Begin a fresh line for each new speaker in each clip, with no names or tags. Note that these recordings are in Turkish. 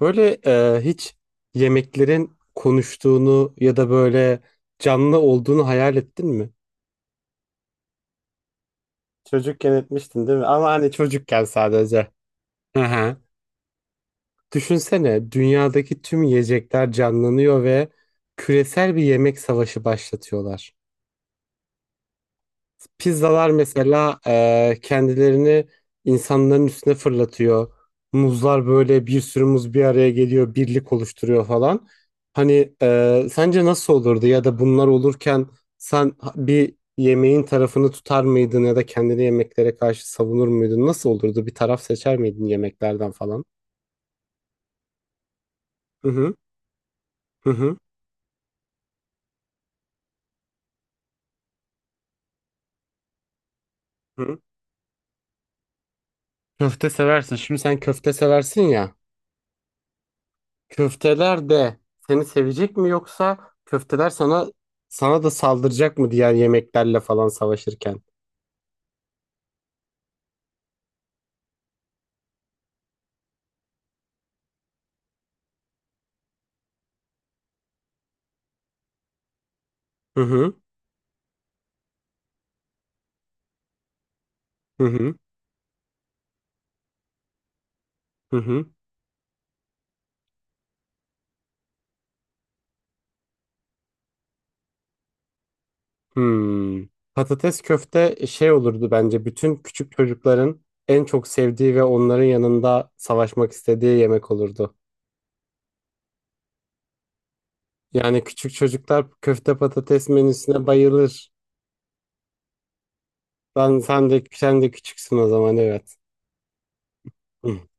Böyle hiç yemeklerin konuştuğunu ya da böyle canlı olduğunu hayal ettin mi? Çocukken etmiştin değil mi? Ama hani çocukken sadece. Hı hı. Düşünsene dünyadaki tüm yiyecekler canlanıyor ve küresel bir yemek savaşı başlatıyorlar. Pizzalar mesela kendilerini insanların üstüne fırlatıyor. Muzlar böyle bir sürü muz bir araya geliyor, birlik oluşturuyor falan. Hani sence nasıl olurdu ya da bunlar olurken sen bir yemeğin tarafını tutar mıydın ya da kendini yemeklere karşı savunur muydun? Nasıl olurdu? Bir taraf seçer miydin yemeklerden falan? Hı hı, hı hı. Hı. Köfte seversin. Şimdi sen köfte seversin ya. Köfteler de seni sevecek mi yoksa köfteler sana sana da saldıracak mı diğer yemeklerle falan savaşırken? Hı hı, hı hı, hı hı. Hmm. Patates köfte şey olurdu bence bütün küçük çocukların en çok sevdiği ve onların yanında savaşmak istediği yemek olurdu. Yani küçük çocuklar köfte patates menüsüne bayılır. Ben sen de sen de küçüksün o zaman evet.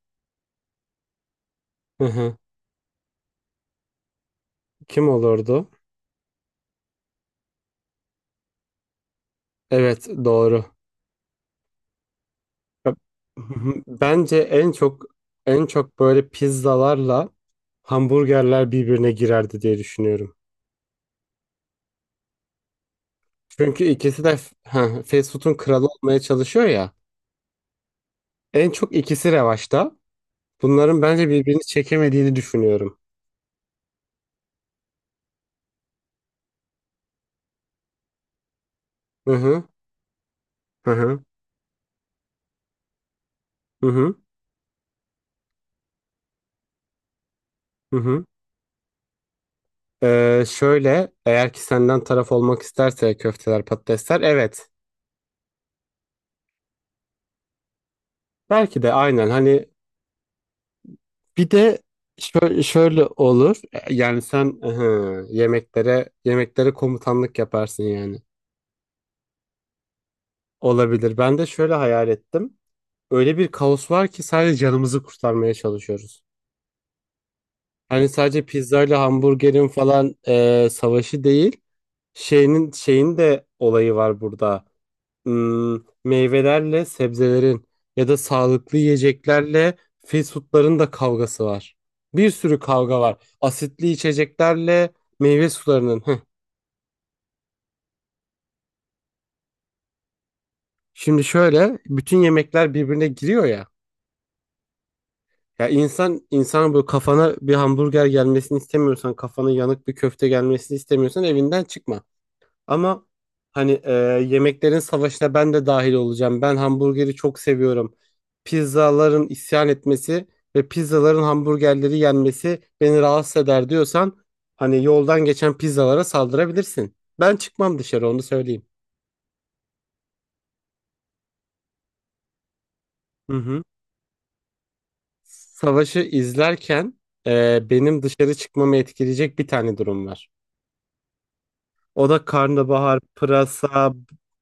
Hı hı. Kim olurdu? Evet, doğru. Ya, hı hı. Bence en çok en çok böyle pizzalarla hamburgerler birbirine girerdi diye düşünüyorum. Çünkü ikisi de ha, fast food'un kralı olmaya çalışıyor ya. En çok ikisi revaçta. Bunların bence birbirini çekemediğini düşünüyorum. Hı hı. Hı hı. Hı hı. Hı hı. Şöyle eğer ki senden taraf olmak isterse köfteler patatesler evet. Belki de aynen hani bir de şöyle, şöyle olur. Yani sen aha, yemeklere yemeklere komutanlık yaparsın yani. Olabilir. Ben de şöyle hayal ettim. Öyle bir kaos var ki sadece canımızı kurtarmaya çalışıyoruz. Hani sadece pizzayla hamburgerin falan savaşı değil. Şeyinin şeyin de olayı var burada. Hmm, meyvelerle sebzelerin ya da sağlıklı yiyeceklerle fast foodların da kavgası var. Bir sürü kavga var. Asitli içeceklerle meyve sularının. Hıh. Şimdi şöyle bütün yemekler birbirine giriyor ya. Ya insan insan böyle kafana bir hamburger gelmesini istemiyorsan, kafana yanık bir köfte gelmesini istemiyorsan evinden çıkma. Ama hani yemeklerin savaşına ben de dahil olacağım. Ben hamburgeri çok seviyorum. Pizzaların isyan etmesi ve pizzaların hamburgerleri yenmesi beni rahatsız eder diyorsan hani yoldan geçen pizzalara saldırabilirsin. Ben çıkmam dışarı onu söyleyeyim. Hı hı. Savaşı izlerken benim dışarı çıkmamı etkileyecek bir tane durum var. O da karnabahar, pırasa,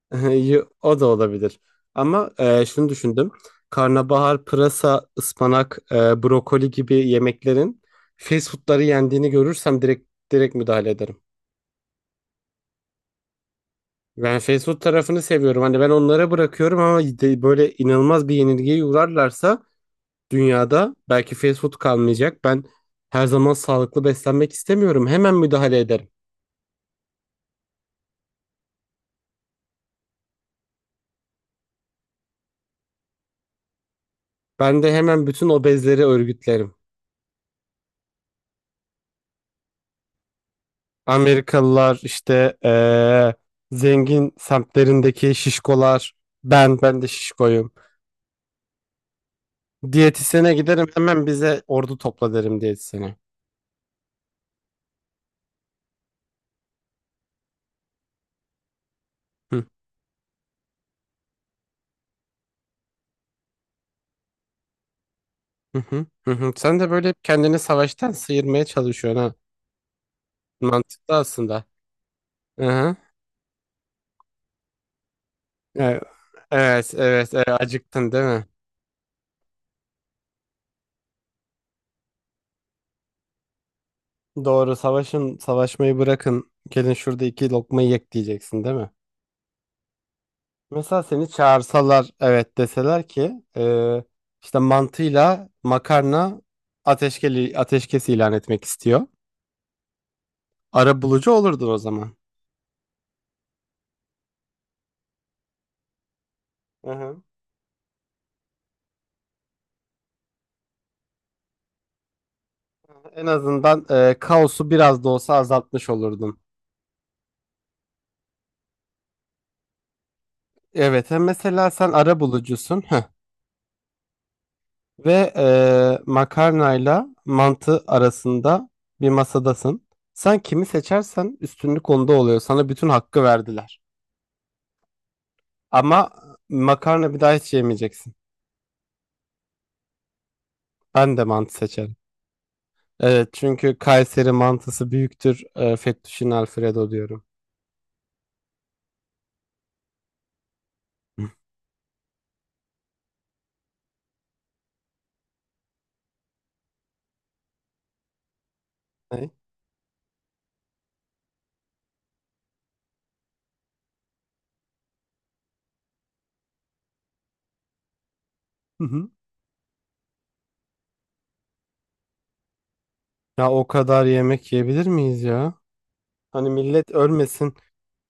o da olabilir. Ama şunu düşündüm. Karnabahar, pırasa, ıspanak, brokoli gibi yemeklerin fast foodları yendiğini görürsem direkt müdahale ederim. Ben fast food tarafını seviyorum. Hani ben onlara bırakıyorum ama böyle inanılmaz bir yenilgiye uğrarlarsa dünyada belki fast food kalmayacak. Ben her zaman sağlıklı beslenmek istemiyorum. Hemen müdahale ederim. Ben de hemen bütün obezleri örgütlerim. Amerikalılar işte zengin semtlerindeki şişkolar ben de şişkoyum. Diyetisyene giderim hemen bize ordu topla derim diyetisyene. Hı, hı, hı, hı, hı. Sen de böyle hep kendini savaştan sıyırmaya çalışıyorsun ha. Mantıklı aslında. Hı hı. Evet, evet, evet, evet, acıktın değil mi? Doğru, savaşın, savaşmayı bırakın. Gelin şurada iki lokma yek diyeceksin değil mi? Mesela seni çağırsalar evet deseler ki işte mantıyla makarna ateşkes ilan etmek istiyor. Arabulucu olurdun o zaman. Hı hı. En azından kaosu biraz da olsa azaltmış olurdun. Evet, mesela sen arabulucusun heh. Ve makarnayla mantı arasında bir masadasın. Sen kimi seçersen üstünlük onda oluyor. Sana bütün hakkı verdiler. Ama makarna bir daha hiç yemeyeceksin. Ben de mantı seçerim. Evet, çünkü Kayseri mantısı büyüktür. E, Fettuccine Alfredo diyorum. Hı. Ne? Hı hı. Ya o kadar yemek yiyebilir miyiz ya? Hani millet ölmesin.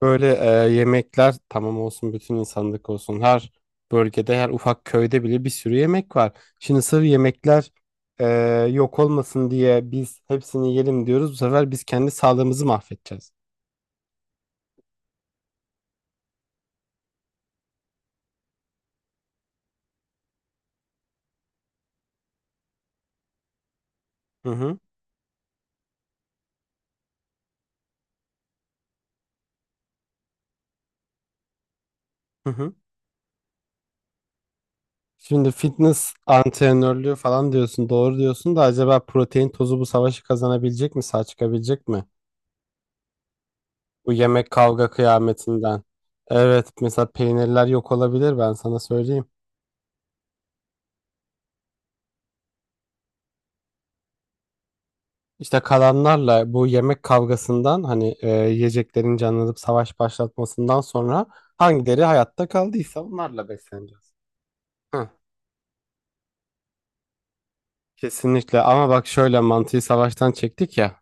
Böyle yemekler tamam olsun bütün insanlık olsun. Her bölgede her ufak köyde bile bir sürü yemek var. Şimdi sırf yemekler e, yok olmasın diye biz hepsini yiyelim diyoruz. Bu sefer biz kendi sağlığımızı mahvedeceğiz. Hı hı. Hı hı. Şimdi fitness antrenörlüğü falan diyorsun, doğru diyorsun da acaba protein tozu bu savaşı kazanabilecek mi, sağ çıkabilecek mi? Bu yemek kavga kıyametinden. Evet, mesela peynirler yok olabilir ben sana söyleyeyim. İşte kalanlarla bu yemek kavgasından hani yiyeceklerin canlanıp savaş başlatmasından sonra hangileri hayatta kaldıysa onlarla besleneceğiz. Hı. Kesinlikle, ama bak şöyle mantıyı savaştan çektik ya.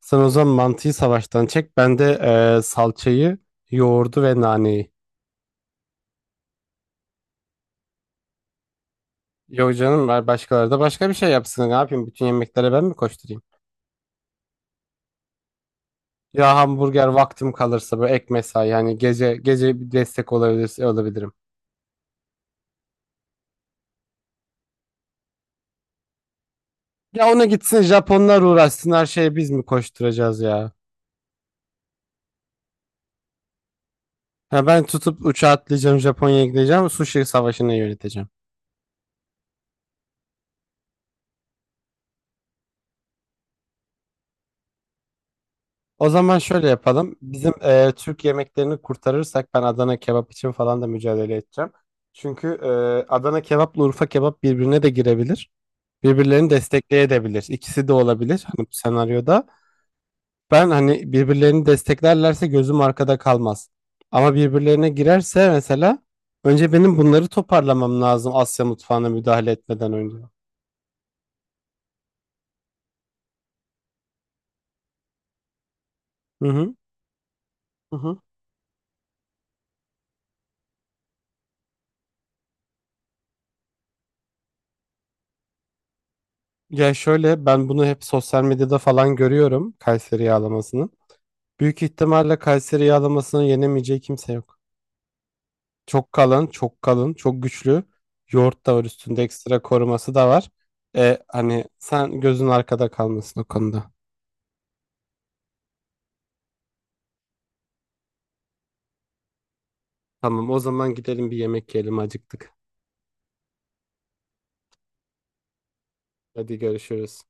Sen o zaman mantıyı savaştan çek. Ben de salçayı, yoğurdu ve naneyi. Yok canım ver başkaları da başka bir şey yapsın. Ne yapayım? Bütün yemeklere ben mi koşturayım? Ya hamburger vaktim kalırsa böyle ek mesai yani gece gece bir destek olabilirim. Ya ona gitsin Japonlar uğraşsın her şeye biz mi koşturacağız ya? Ya ben tutup uçağa atlayacağım Japonya'ya gideceğim sushi savaşını yöneteceğim. O zaman şöyle yapalım. Bizim Türk yemeklerini kurtarırsak ben Adana kebap için falan da mücadele edeceğim. Çünkü Adana kebapla Urfa kebap birbirine de girebilir. Birbirlerini destekleyebilir. İkisi de olabilir hani bu senaryoda. Ben hani birbirlerini desteklerlerse gözüm arkada kalmaz. Ama birbirlerine girerse mesela önce benim bunları toparlamam lazım Asya mutfağına müdahale etmeden önce. Hı hı. Hı hı. Ya şöyle ben bunu hep sosyal medyada falan görüyorum Kayseri yağlamasını. Büyük ihtimalle Kayseri yağlamasını yenemeyeceği kimse yok. Çok kalın, çok kalın, çok güçlü. Yoğurt da var üstünde ekstra koruması da var. E, hani sen gözün arkada kalmasın o konuda. Tamam, o zaman gidelim bir yemek yiyelim acıktık. Hadi görüşürüz.